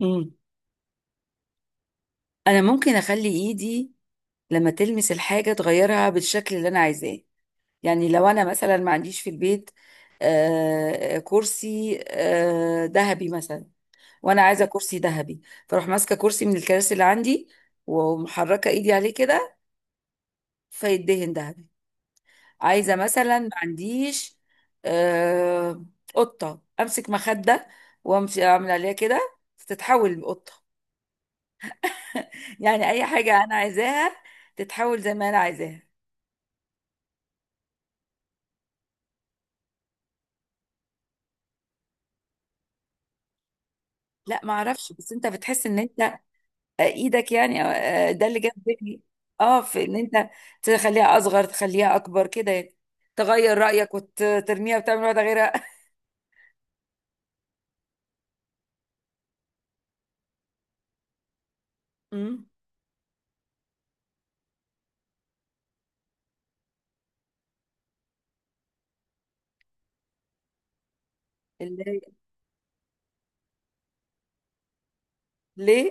مم. انا ممكن اخلي ايدي لما تلمس الحاجه تغيرها بالشكل اللي انا عايزاه. يعني لو انا مثلا ما عنديش في البيت كرسي ذهبي مثلا، وانا عايزه كرسي ذهبي، فاروح ماسكه كرسي من الكراسي اللي عندي ومحركه ايدي عليه كده فيدهن ذهبي. عايزه مثلا ما عنديش آه قطه، امسك مخده وامشي اعمل عليها كده تتحول لقطه. يعني اي حاجه انا عايزاها تتحول زي ما انا عايزاها. لا ما اعرفش، بس انت بتحس ان انت ايدك يعني ده اللي جاب ذهني. اه، في ان انت تخليها اصغر تخليها اكبر كده يعني، تغير رايك وترميها وتعمل واحده غيرها. امم اللي هي- ليه؟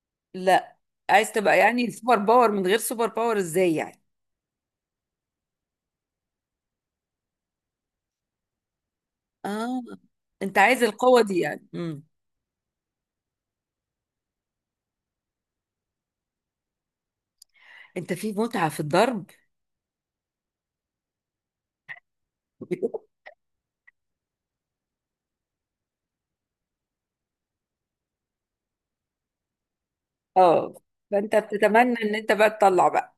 لا، عايز تبقى يعني سوبر باور من غير سوبر باور ازاي يعني؟ اه، انت عايز القوه دي يعني. امم، انت في متعه في الضرب؟ اه، فانت بتتمنى ان انت بقى تطلع بقى.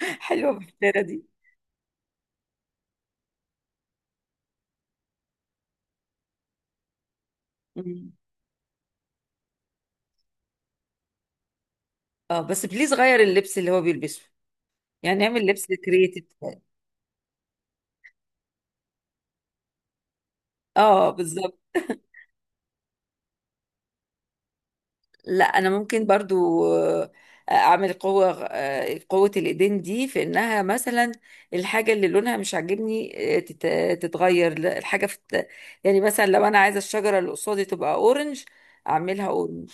حلوه الفكره دي. مم. اه، بس بليز غير اللبس اللي هو بيلبسه، يعني نعمل لبس كرييتيف. اه بالظبط. لا انا ممكن برضو اعمل قوة، قوة الايدين دي في انها مثلا الحاجة اللي لونها مش عاجبني تتغير. لا، الحاجة يعني مثلا لو انا عايزة الشجرة اللي قصادي تبقى اورنج، اعملها اورنج.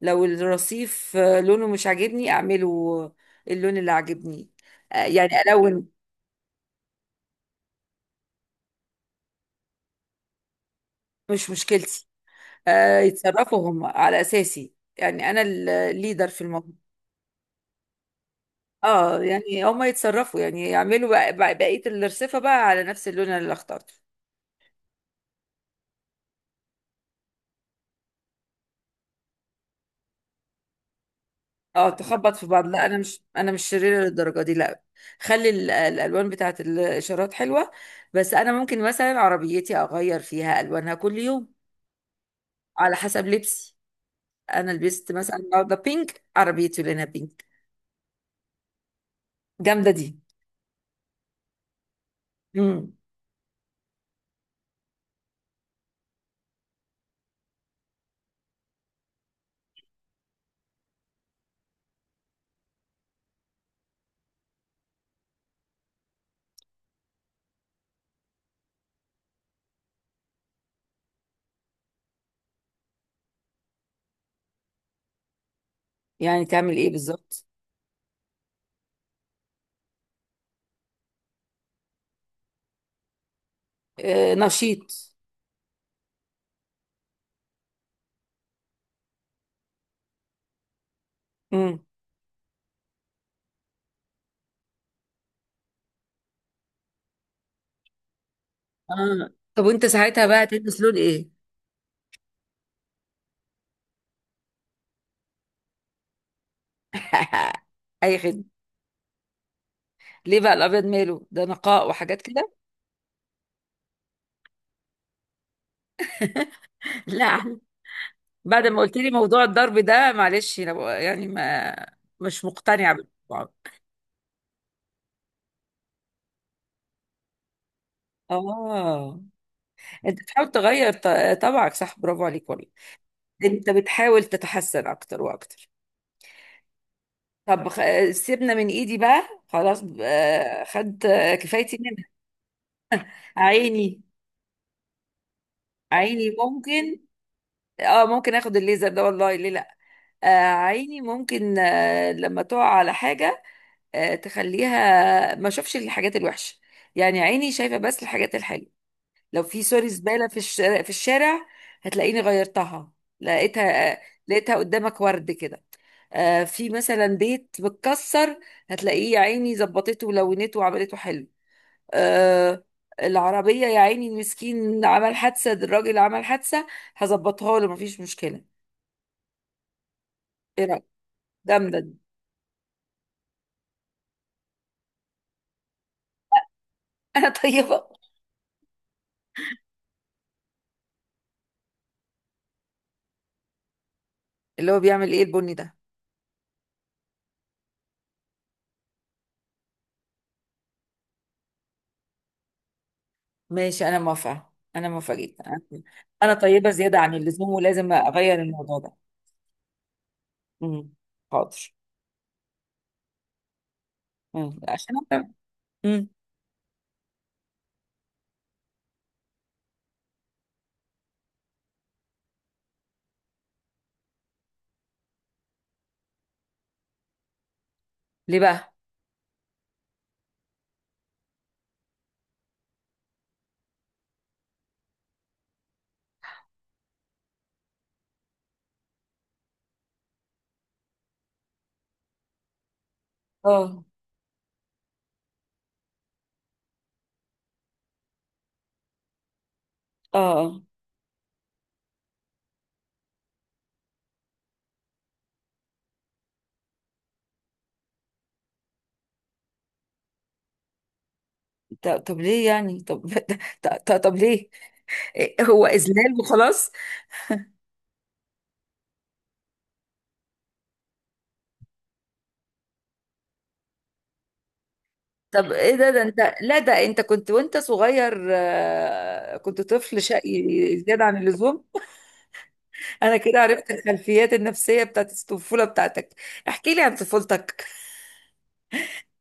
لو الرصيف لونه مش عاجبني، اعمله اللون اللي عاجبني. يعني الون. مش مشكلتي. يتصرفوا هم على اساسي. يعني انا الليدر في الموضوع. اه، يعني هما يتصرفوا، يعني يعملوا بقية الرصيفة بقى على نفس اللون اللي اخترته. اه تخبط في بعض. لا انا مش شريرة للدرجة دي، لا. خلي الالوان بتاعت الاشارات حلوة. بس انا ممكن مثلا عربيتي اغير فيها الوانها كل يوم على حسب لبسي. انا لبست مثلا النهارده بينك، عربيتي لونها بينك. جامدة دي. امم، يعني تعمل ايه بالظبط؟ آه نشيط. امم. اه، طب وانت ساعتها بقى تلبس لون ايه؟ اي خدمة. ليه بقى؟ الابيض ماله؟ ده نقاء وحاجات كده. لا، بعد ما قلت لي موضوع الضرب ده، معلش انا بقى- يعني ما مش مقتنعه بالموضوع. اه انت بتحاول تغير طبعك، صح، برافو عليك والله. انت بتحاول تتحسن اكتر واكتر. طب سيبنا من ايدي بقى، خلاص، خدت كفايتي منها. عيني. عيني ممكن. اه ممكن اخد الليزر ده، والله ليه لا. آه، عيني ممكن، لما تقع على حاجة تخليها ما اشوفش الحاجات الوحشه، يعني عيني شايفه بس الحاجات الحلوه. لو في سوري زباله في الشارع هتلاقيني غيرتها، لقيتها لقيتها قدامك ورد كده. في مثلا بيت متكسر، هتلاقيه يا عيني ظبطته ولونته وعملته حلو. آه، العربية يا عيني المسكين، عمل حادثة، الراجل عمل حادثة، هظبطها له مفيش مشكلة. ايه رأيك؟ جامدة دي. انا طيبة. اللي هو بيعمل ايه البني ده؟ ماشي، انا موافقه جدا. انا أنا طيبه زياده عن اللزوم، ولازم اغير الموضوع ده. امم. حاضر. مم. امم. ليه بقى؟ اه. اه. آه. طب ليه يعني؟ طب طب ليه؟ إيه، هو اذلال وخلاص؟ طب ايه ده؟ ده انت لا ده انت كنت وانت صغير كنت طفل شقي زياده عن اللزوم. انا كده عرفت الخلفيات النفسيه بتاعت الطفوله بتاعتك. احكي لي عن طفولتك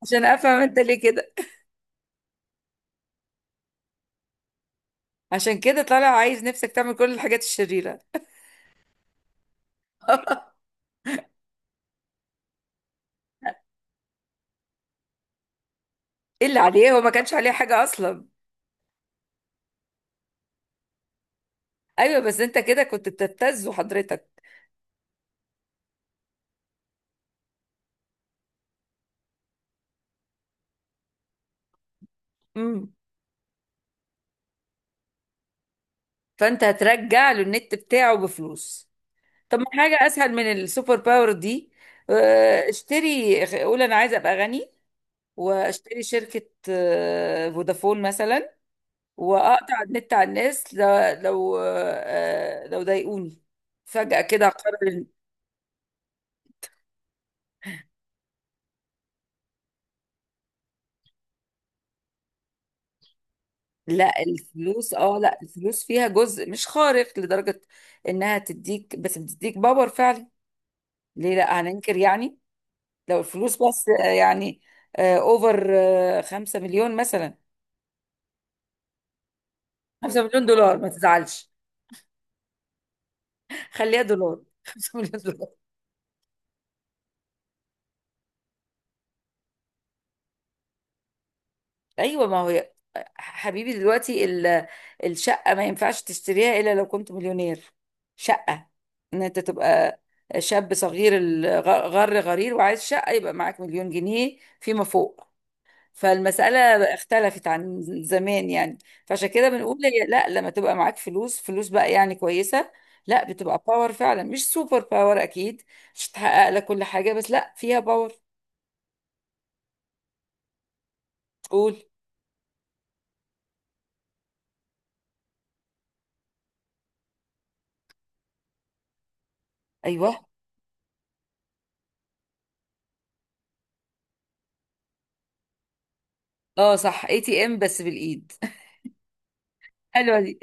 عشان افهم انت ليه كده. عشان كده طالع عايز نفسك تعمل كل الحاجات الشريرة. ايه اللي عليه؟ هو ما كانش عليه حاجة اصلا. ايوه بس انت كده كنت بتبتزه حضرتك. امم. فانت هترجع له النت بتاعه بفلوس. طب ما حاجة اسهل من السوبر باور دي. اشتري، قول انا عايزة ابقى غني، واشتري شركة فودافون مثلا، واقطع النت على الناس لو لو ضايقوني، فجأة كده اقرر. لا الفلوس، اه لا الفلوس فيها جزء مش خارق لدرجة انها تديك، بس بتديك باور فعلا. ليه لا؟ هننكر يعني؟ لو الفلوس بس يعني اوفر، خمسة مليون مثلا. خمسة مليون دولار ما تزعلش. خليها دولار. خمسة مليون دولار. ايوه ما هو حبيبي دلوقتي الشقة ما ينفعش تشتريها الا لو كنت مليونير. شقة، ان انت تبقى شاب صغير الغ- غر غرير وعايز شقة، يبقى معاك مليون جنيه فيما فوق. فالمسألة اختلفت عن زمان يعني. فعشان كده بنقول، هي لا، لما تبقى معاك فلوس، فلوس بقى يعني كويسة، لا بتبقى باور فعلا، مش سوبر باور أكيد. مش هتحقق لك كل حاجة، بس لا فيها باور. تقول. أيوه. اه صح، اي تي ام بس بالإيد. حلوة دي.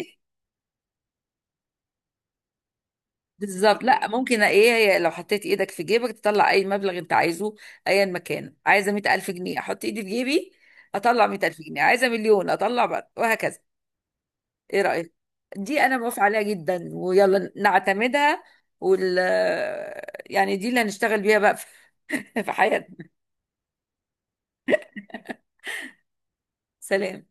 بالظبط. لا ممكن ايه، هي لو حطيت ايدك في جيبك تطلع اي مبلغ انت عايزه، ايا مكان، عايزه 100,000 جنيه احط ايدي في جيبي اطلع 100,000 جنيه، عايزه مليون اطلع بقى، وهكذا. ايه رأيك؟ دي انا موافقة عليها جدا، ويلا نعتمدها. وال، يعني دي اللي هنشتغل بيها بقى في في حياتنا. سلام.